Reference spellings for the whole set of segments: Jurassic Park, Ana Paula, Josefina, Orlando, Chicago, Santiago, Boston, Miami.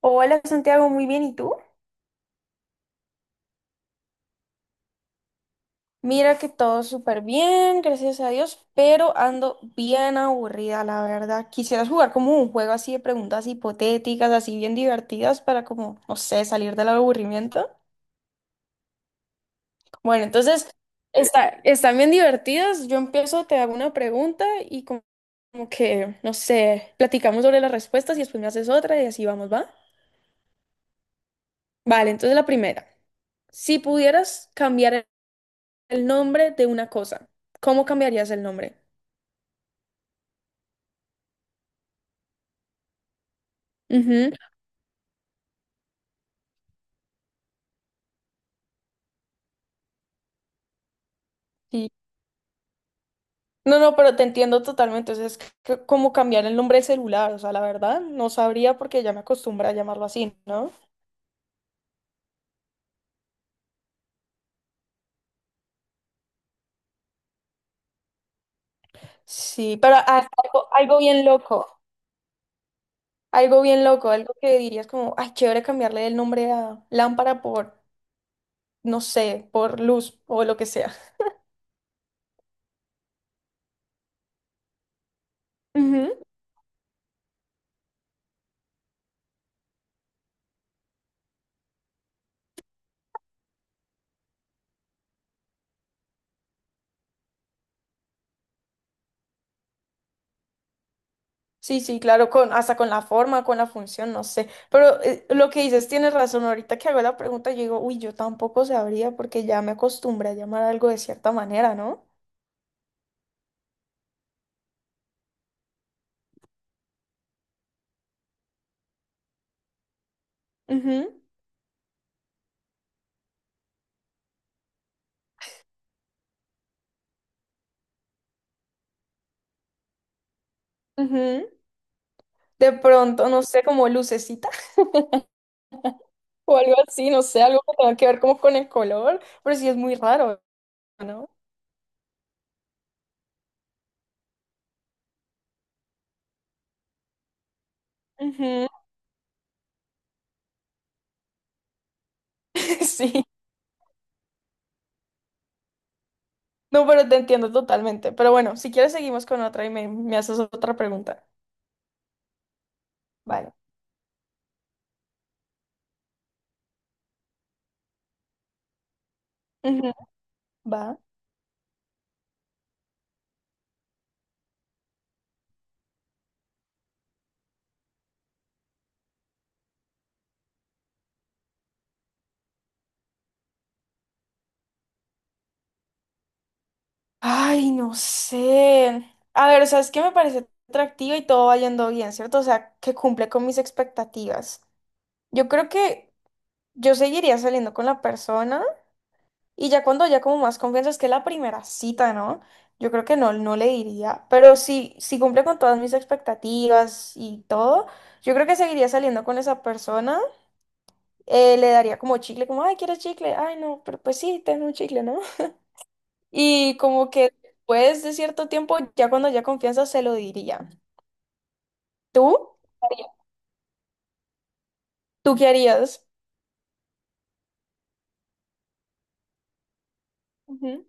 Hola Santiago, muy bien, ¿y tú? Mira que todo súper bien, gracias a Dios, pero ando bien aburrida, la verdad. Quisieras jugar como un juego así de preguntas hipotéticas, así bien divertidas para como, no sé, salir del aburrimiento. Bueno, entonces, está, están bien divertidas. Yo empiezo, te hago una pregunta y como, como que, no sé, platicamos sobre las respuestas y después me haces otra y así vamos, ¿va? Vale, entonces la primera. Si pudieras cambiar el nombre de una cosa, ¿cómo cambiarías el nombre? Ujú. Sí. No, no, pero te entiendo totalmente. O sea, es como cambiar el nombre de celular. O sea, la verdad, no sabría porque ya me acostumbré a llamarlo así, ¿no? Sí, pero ah, algo, algo bien loco. Algo bien loco. Algo que dirías como, ay, chévere cambiarle el nombre a lámpara por, no sé, por luz o lo que sea. Ujú. Sí, sí, claro, con, hasta con la forma, con la función, no sé. Pero lo que dices, tienes razón. Ahorita que hago la pregunta, yo digo, uy, yo tampoco sabría porque ya me acostumbré a llamar algo de cierta manera, ¿no? Ujú, ujú. De pronto, no sé, como lucecita o algo así, no sé, algo que tenga que ver como con el color, pero sí es muy raro, ¿no? Ujú, sí, no, pero te entiendo totalmente. Pero bueno, si quieres seguimos con otra y me haces otra pregunta. Vale. Ujú, va. Ay, no sé. A ver, o sea, es que me parece atractiva y todo va yendo bien, ¿cierto? O sea, que cumple con mis expectativas. Yo creo que yo seguiría saliendo con la persona. Y ya cuando haya como más confianza, es que la primera cita, ¿no? Yo creo que no, no le diría, pero si cumple con todas mis expectativas y todo, yo creo que seguiría saliendo con esa persona, le daría como chicle, como, ay, ¿quieres chicle? Ay, no, pero pues sí, ten un chicle, ¿no? Y como que después de cierto tiempo, ya cuando haya confianza, se lo diría. ¿Tú? ¿Tú qué harías? Ujú.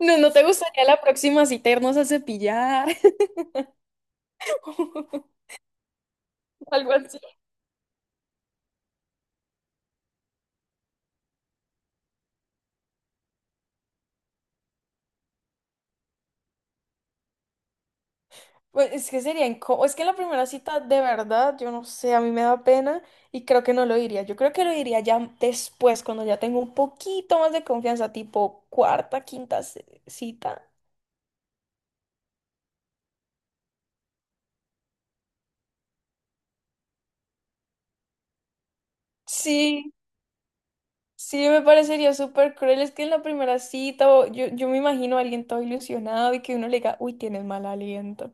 No, ¿no te gustaría la próxima cita irnos a cepillar? Algo así. Pues es que sería incómodo. Es que en la primera cita, de verdad, yo no sé, a mí me da pena y creo que no lo diría. Yo creo que lo diría ya después, cuando ya tengo un poquito más de confianza, tipo cuarta, quinta cita. Sí, sí, me parecería súper cruel. Es que en la primera cita, yo, yo me imagino a alguien todo ilusionado y que uno le diga, uy, tienes mal aliento.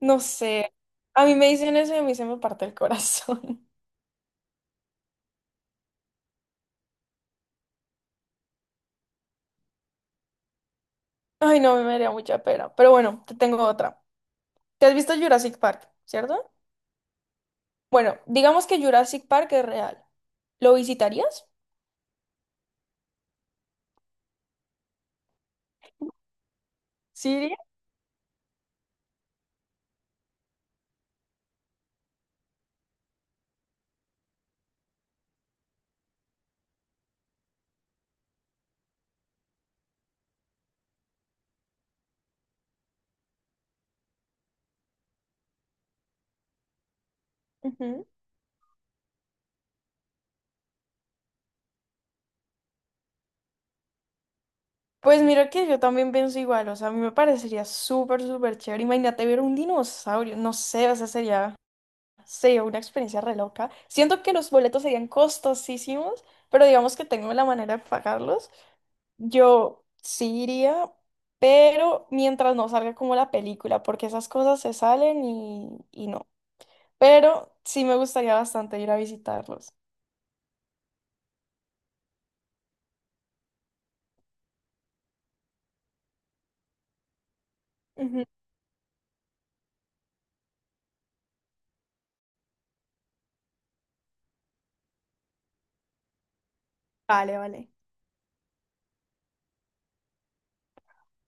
No sé. A mí me dicen eso y a mí se me parte el corazón. Ay, no, a mí me daría mucha pena. Pero bueno, te tengo otra. ¿Te has visto Jurassic Park, cierto? Bueno, digamos que Jurassic Park es real. ¿Lo visitarías? ¿Sí iría? Ujú. Pues mira que yo también pienso igual, o sea, a mí me parecería súper, súper chévere. Imagínate ver un dinosaurio, no sé, o sea, sería, sería una experiencia re loca. Siento que los boletos serían costosísimos, pero digamos que tengo la manera de pagarlos. Yo sí iría, pero mientras no salga como la película, porque esas cosas se salen y no. Pero sí me gustaría bastante ir a visitarlos. Ujú. Vale, vale.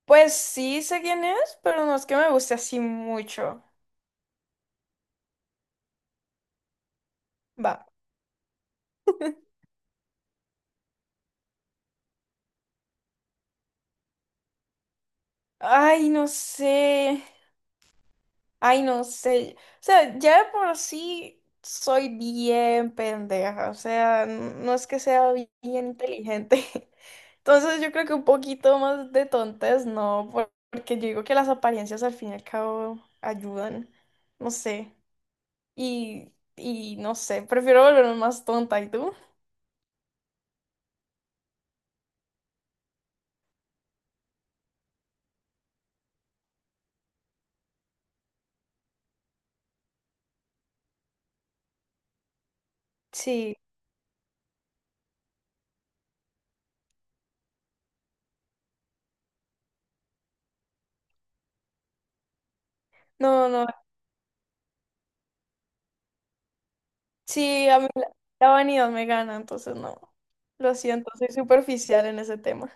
Pues sí sé quién es, pero no es que me guste así mucho. Va. Ay, no sé. Ay, no sé. O sea, ya de por sí soy bien pendeja. O sea, no es que sea bien inteligente. Entonces yo creo que un poquito más de tontes, no, porque yo digo que las apariencias al fin y al cabo ayudan. No sé. Y no sé, prefiero volverme más tonta. ¿Y tú? Sí. No, no. Sí, la vanidad me gana, entonces no. Lo siento, soy superficial en ese tema.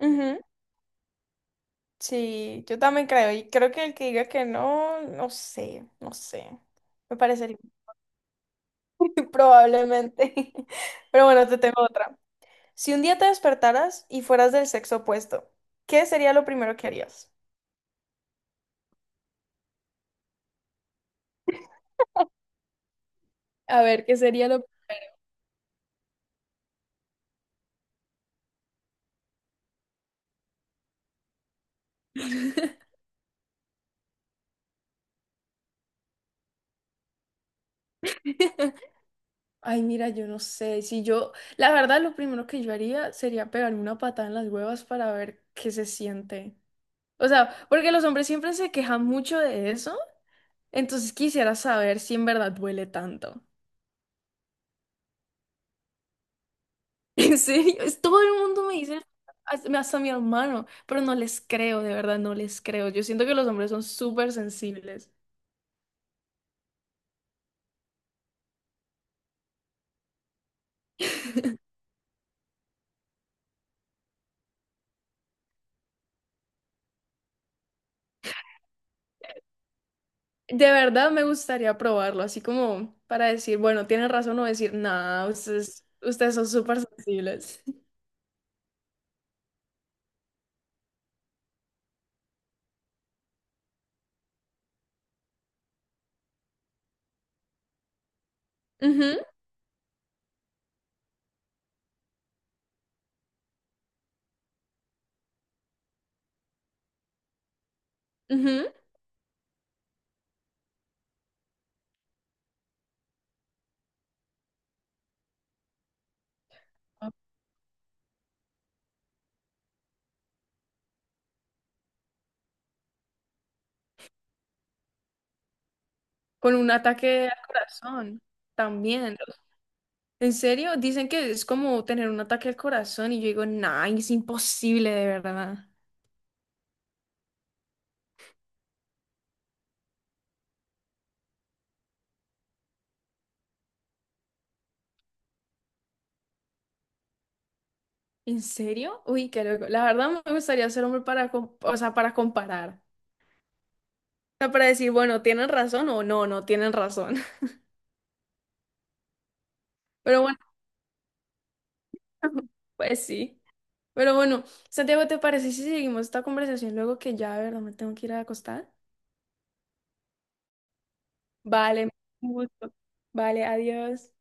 Ujú, sí, yo también creo. Y creo que el que diga que no, no sé, no sé. Me parecería probablemente. Pero bueno, te tengo otra. Si un día te despertaras y fueras del sexo opuesto, ¿qué sería lo primero que harías? A ver, ¿qué sería lo... Ay, mira, yo no sé. Si yo, la verdad, lo primero que yo haría sería pegarme una patada en las huevas para ver qué se siente. O sea, porque los hombres siempre se quejan mucho de eso, entonces quisiera saber si en verdad duele tanto. En serio, es, todo el mundo me dice, hasta mi hermano, pero no les creo, de verdad, no les creo. Yo siento que los hombres son súper sensibles. De verdad me gustaría probarlo, así como para decir, bueno, tienen razón o decir, nada, ustedes son súper sensibles. Ujú, ujú. Con un ataque al corazón también. ¿En serio? Dicen que es como tener un ataque al corazón y yo digo, nah, es imposible de verdad. ¿En serio? Uy, qué loco. La verdad me gustaría ser hombre para, o sea, para comparar. O sea, para decir, bueno, ¿tienen razón o no, no tienen razón? Pero bueno, pues sí. Pero bueno, Santiago, ¿te parece si seguimos esta conversación luego que ya de verdad me tengo que ir a acostar? Vale, un gusto. Vale, adiós.